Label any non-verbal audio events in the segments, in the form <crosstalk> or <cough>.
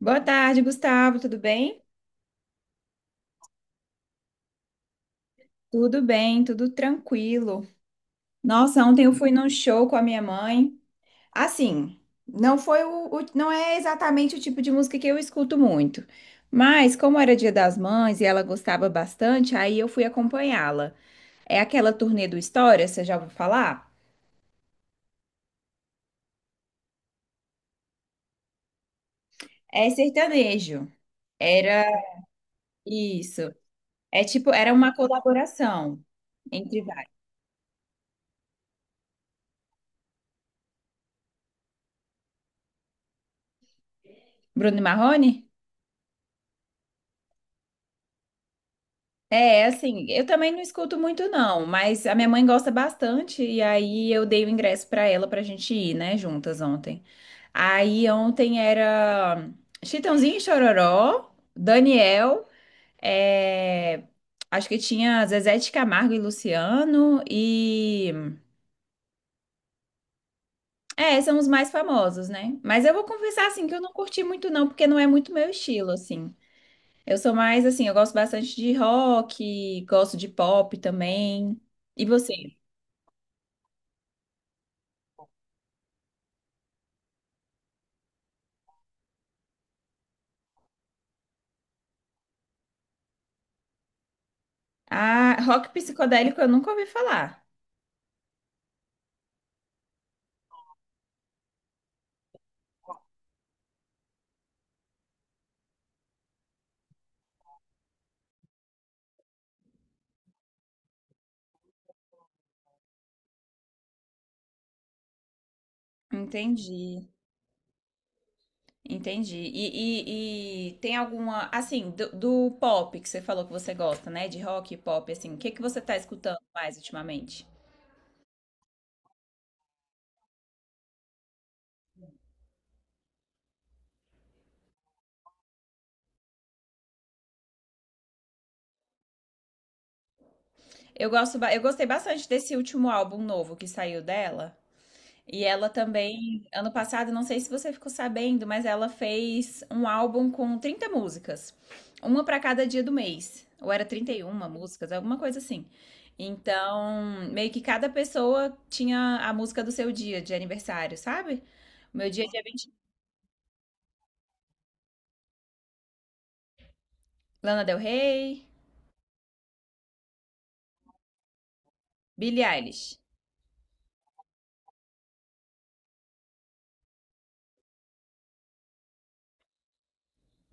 Boa tarde, Gustavo. Tudo bem? Tudo bem, tudo tranquilo. Nossa, ontem eu fui num show com a minha mãe. Assim, não foi não é exatamente o tipo de música que eu escuto muito. Mas como era Dia das Mães e ela gostava bastante, aí eu fui acompanhá-la. É aquela turnê do História, você já ouviu falar? É sertanejo. Era isso. É tipo, era uma colaboração entre vários. Bruno e Marrone? É, assim, eu também não escuto muito não, mas a minha mãe gosta bastante e aí eu dei o ingresso pra ela pra gente ir, né, juntas ontem. Aí ontem era Chitãozinho e Chororó, Daniel, é, acho que tinha Zezé de Camargo e Luciano e é, são os mais famosos, né? Mas eu vou confessar assim que eu não curti muito não, porque não é muito meu estilo assim. Eu sou mais assim, eu gosto bastante de rock, gosto de pop também. E você? Ah, rock psicodélico eu nunca ouvi falar. Entendi, entendi. E tem alguma, assim, do pop que você falou que você gosta, né? De rock e pop, assim, o que que você tá escutando mais ultimamente? Eu gosto, eu gostei bastante desse último álbum novo que saiu dela. E ela também, ano passado, não sei se você ficou sabendo, mas ela fez um álbum com 30 músicas, uma para cada dia do mês, ou era 31 músicas, alguma coisa assim. Então, meio que cada pessoa tinha a música do seu dia de aniversário, sabe? O meu dia é dia 20. Lana Del Rey, Billie Eilish.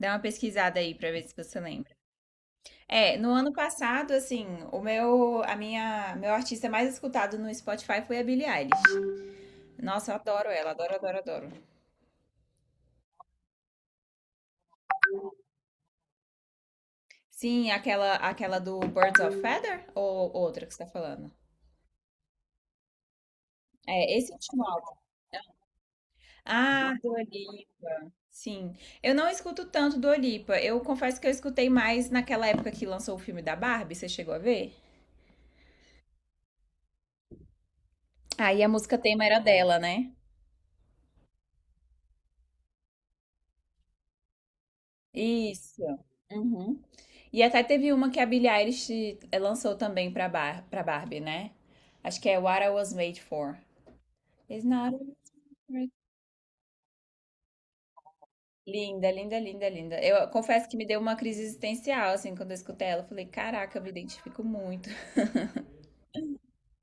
Dá uma pesquisada aí pra ver se você lembra. É, no ano passado, assim, o meu, a minha, meu artista mais escutado no Spotify foi a Billie Eilish. Nossa, eu adoro ela, adoro, adoro, adoro. Sim, aquela do Birds of Feather ou outra que você tá falando? É, esse último álbum. Ah, Dua Lipa. Sim. Eu não escuto tanto Dua Lipa. Eu confesso que eu escutei mais naquela época que lançou o filme da Barbie, você chegou a ver? Aí a música tema era dela, né? Isso. Uhum. E até teve uma que a Billie Eilish lançou também pra, Bar pra Barbie, né? Acho que é What I Was Made For. It's not linda, linda, linda, linda. Eu confesso que me deu uma crise existencial, assim, quando eu escutei ela. Eu falei, caraca, eu me identifico muito.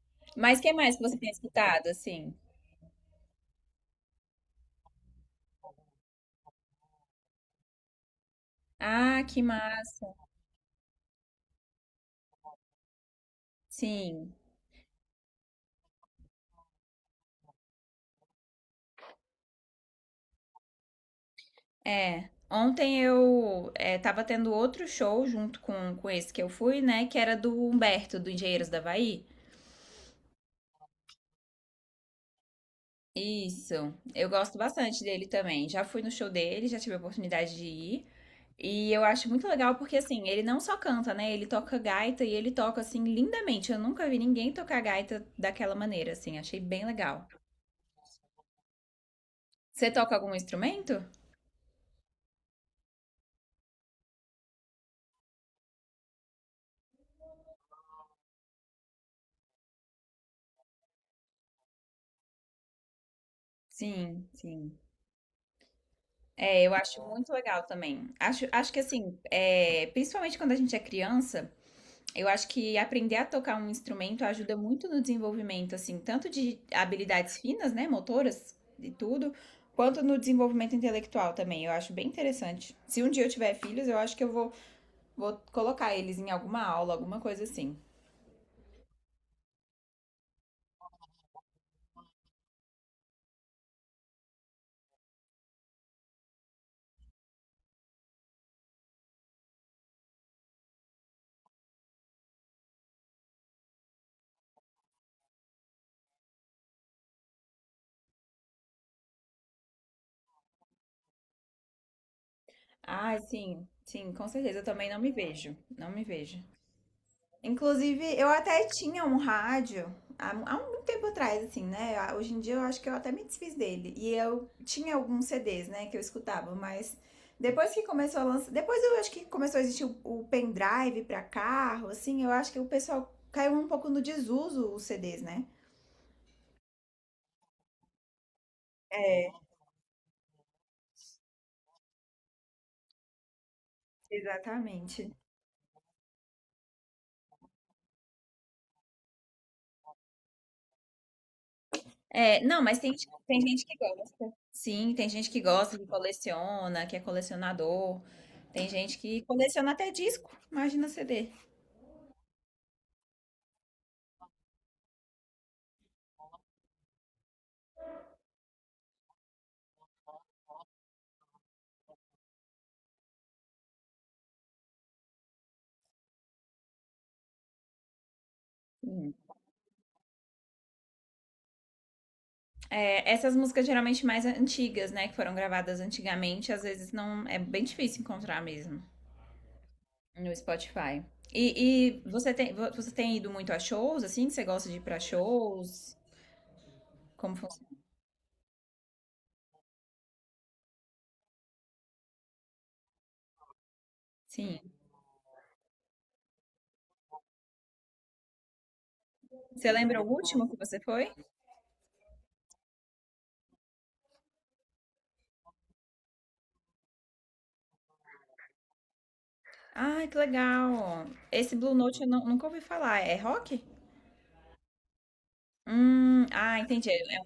<laughs> Mas o que mais que você tem escutado, assim? Ah, que massa. Sim, é. Ontem eu tava tendo outro show junto com esse que eu fui, né? Que era do Humberto, do Engenheiros da Havaí. Isso, eu gosto bastante dele também. Já fui no show dele, já tive a oportunidade de ir. E eu acho muito legal porque, assim, ele não só canta, né? Ele toca gaita e ele toca, assim, lindamente. Eu nunca vi ninguém tocar gaita daquela maneira, assim. Achei bem legal. Você toca algum instrumento? Sim, sim. É, eu acho muito legal também. Acho, acho que, assim, é, principalmente quando a gente é criança, eu acho que aprender a tocar um instrumento ajuda muito no desenvolvimento, assim, tanto de habilidades finas, né? Motoras e tudo. Quanto no desenvolvimento intelectual também, eu acho bem interessante. Se um dia eu tiver filhos, eu acho que eu vou vou colocar eles em alguma aula, alguma coisa assim. Ah, sim, sim, com certeza. Eu também não me vejo. Não me vejo. Inclusive, eu até tinha um rádio há muito tempo atrás, assim, né? Ah, hoje em dia eu acho que eu até me desfiz dele. E eu tinha alguns CDs, né, que eu escutava, mas depois que começou a lançar. Depois eu acho que começou a existir o pendrive pra carro, assim, eu acho que o pessoal caiu um pouco no desuso os CDs, né? É, exatamente. É, não, mas tem gente que gosta. Sim, tem gente que gosta, que coleciona, que é colecionador. Tem gente que coleciona até disco, imagina CD. Hum. É, essas músicas geralmente mais antigas, né, que foram gravadas antigamente, às vezes não é bem difícil encontrar mesmo no Spotify. E, você tem ido muito a shows, assim? Você gosta de ir pra shows? Como funciona? Sim. Você lembra o último que você foi? Ah, que legal. Esse Blue Note eu não- nunca ouvi falar. É rock? Ah, entendi. Né?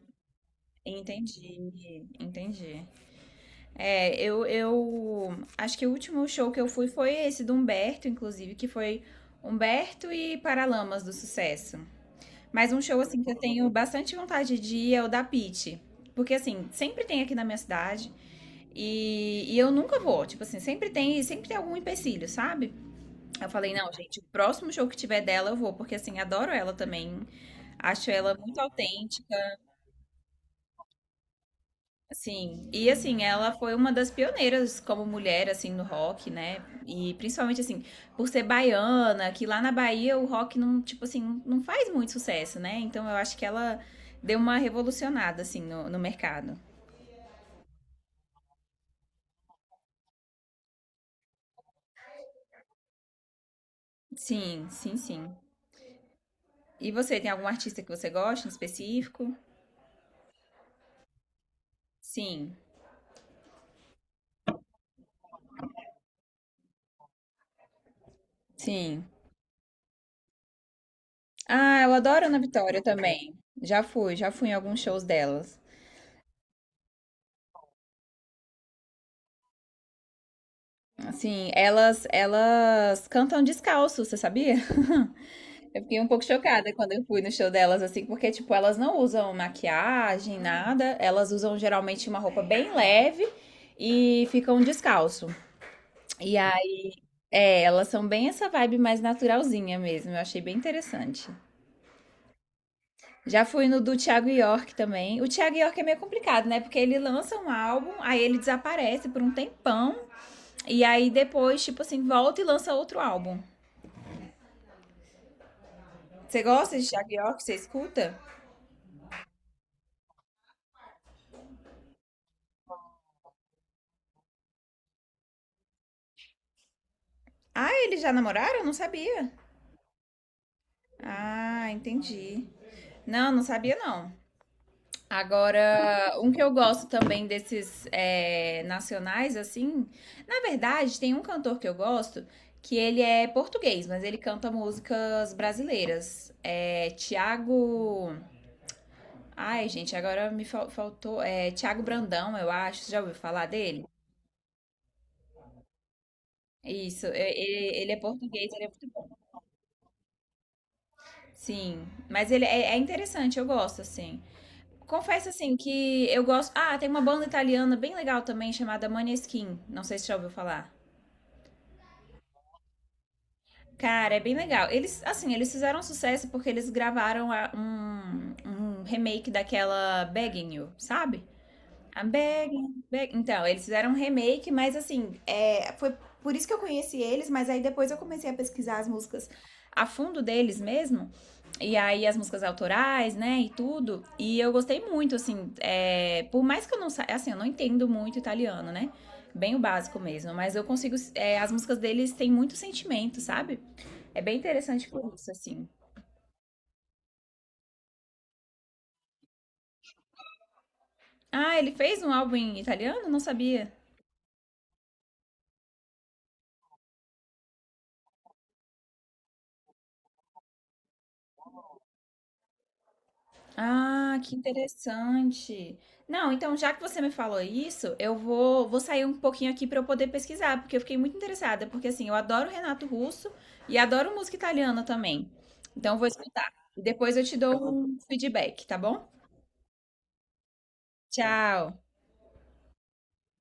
Entendi, entendi. É, eu acho que o último show que eu fui foi esse do Humberto, inclusive, que foi Humberto e Paralamas do Sucesso. Mas um show assim que eu tenho bastante vontade de ir é o da Pitty. Porque assim, sempre tem aqui na minha cidade e eu nunca vou. Tipo assim, sempre tem algum empecilho, sabe? Eu falei, não, gente, o próximo show que tiver dela eu vou, porque assim, adoro ela também. Acho ela muito autêntica. Sim, e assim, ela foi uma das pioneiras como mulher, assim, no rock, né? E principalmente, assim, por ser baiana, que lá na Bahia o rock não, tipo assim, não faz muito sucesso, né? Então eu acho que ela deu uma revolucionada, assim, no mercado. Sim, sim, sim. E você, tem algum artista que você gosta em específico? Sim, sim. Ah, eu adoro a Ana Vitória também. Já fui em alguns shows delas. Assim, elas cantam descalço, você sabia? <laughs> Eu fiquei um pouco chocada quando eu fui no show delas, assim, porque, tipo, elas não usam maquiagem, nada. Elas usam geralmente uma roupa bem leve e ficam descalço. E aí, é, elas são bem essa vibe mais naturalzinha mesmo. Eu achei bem interessante. Já fui no do Thiago York também. O Thiago York é meio complicado, né? Porque ele lança um álbum, aí ele desaparece por um tempão. E aí depois, tipo assim, volta e lança outro álbum. Você gosta de Thiago York? Você escuta? Ah, eles já namoraram? Eu não sabia. Ah, entendi. Não, não sabia não. Agora, um que eu gosto também desses é, nacionais, assim, na verdade, tem um cantor que eu gosto que ele é português, mas ele canta músicas brasileiras. É Tiago. Ai, gente, agora me faltou. É Tiago Brandão, eu acho. Você já ouviu falar dele? Isso, ele, ele é português, ele é muito bom. Sim, mas ele é, é interessante, eu gosto, assim. Confesso assim que eu gosto. Ah, tem uma banda italiana bem legal também chamada Maneskin. Não sei se já ouviu falar. Cara, é bem legal. Eles, assim, eles fizeram sucesso porque eles gravaram um remake daquela Begging You, sabe? A Então, eles fizeram um remake, mas assim, é, foi por isso que eu conheci eles, mas aí depois eu comecei a pesquisar as músicas a fundo deles mesmo, e aí as músicas autorais, né, e tudo, e eu gostei muito, assim, é, por mais que eu não saiba, assim, eu não entendo muito italiano, né, bem o básico mesmo, mas eu consigo, é, as músicas deles têm muito sentimento, sabe? É bem interessante por isso, assim. Ah, ele fez um álbum em italiano? Não sabia. Ah, que interessante. Não, então já que você me falou isso, eu vou, vou sair um pouquinho aqui para eu poder pesquisar, porque eu fiquei muito interessada, porque assim, eu adoro Renato Russo e adoro música italiana também. Então eu vou escutar. E depois eu te dou um feedback, tá bom? Tchau.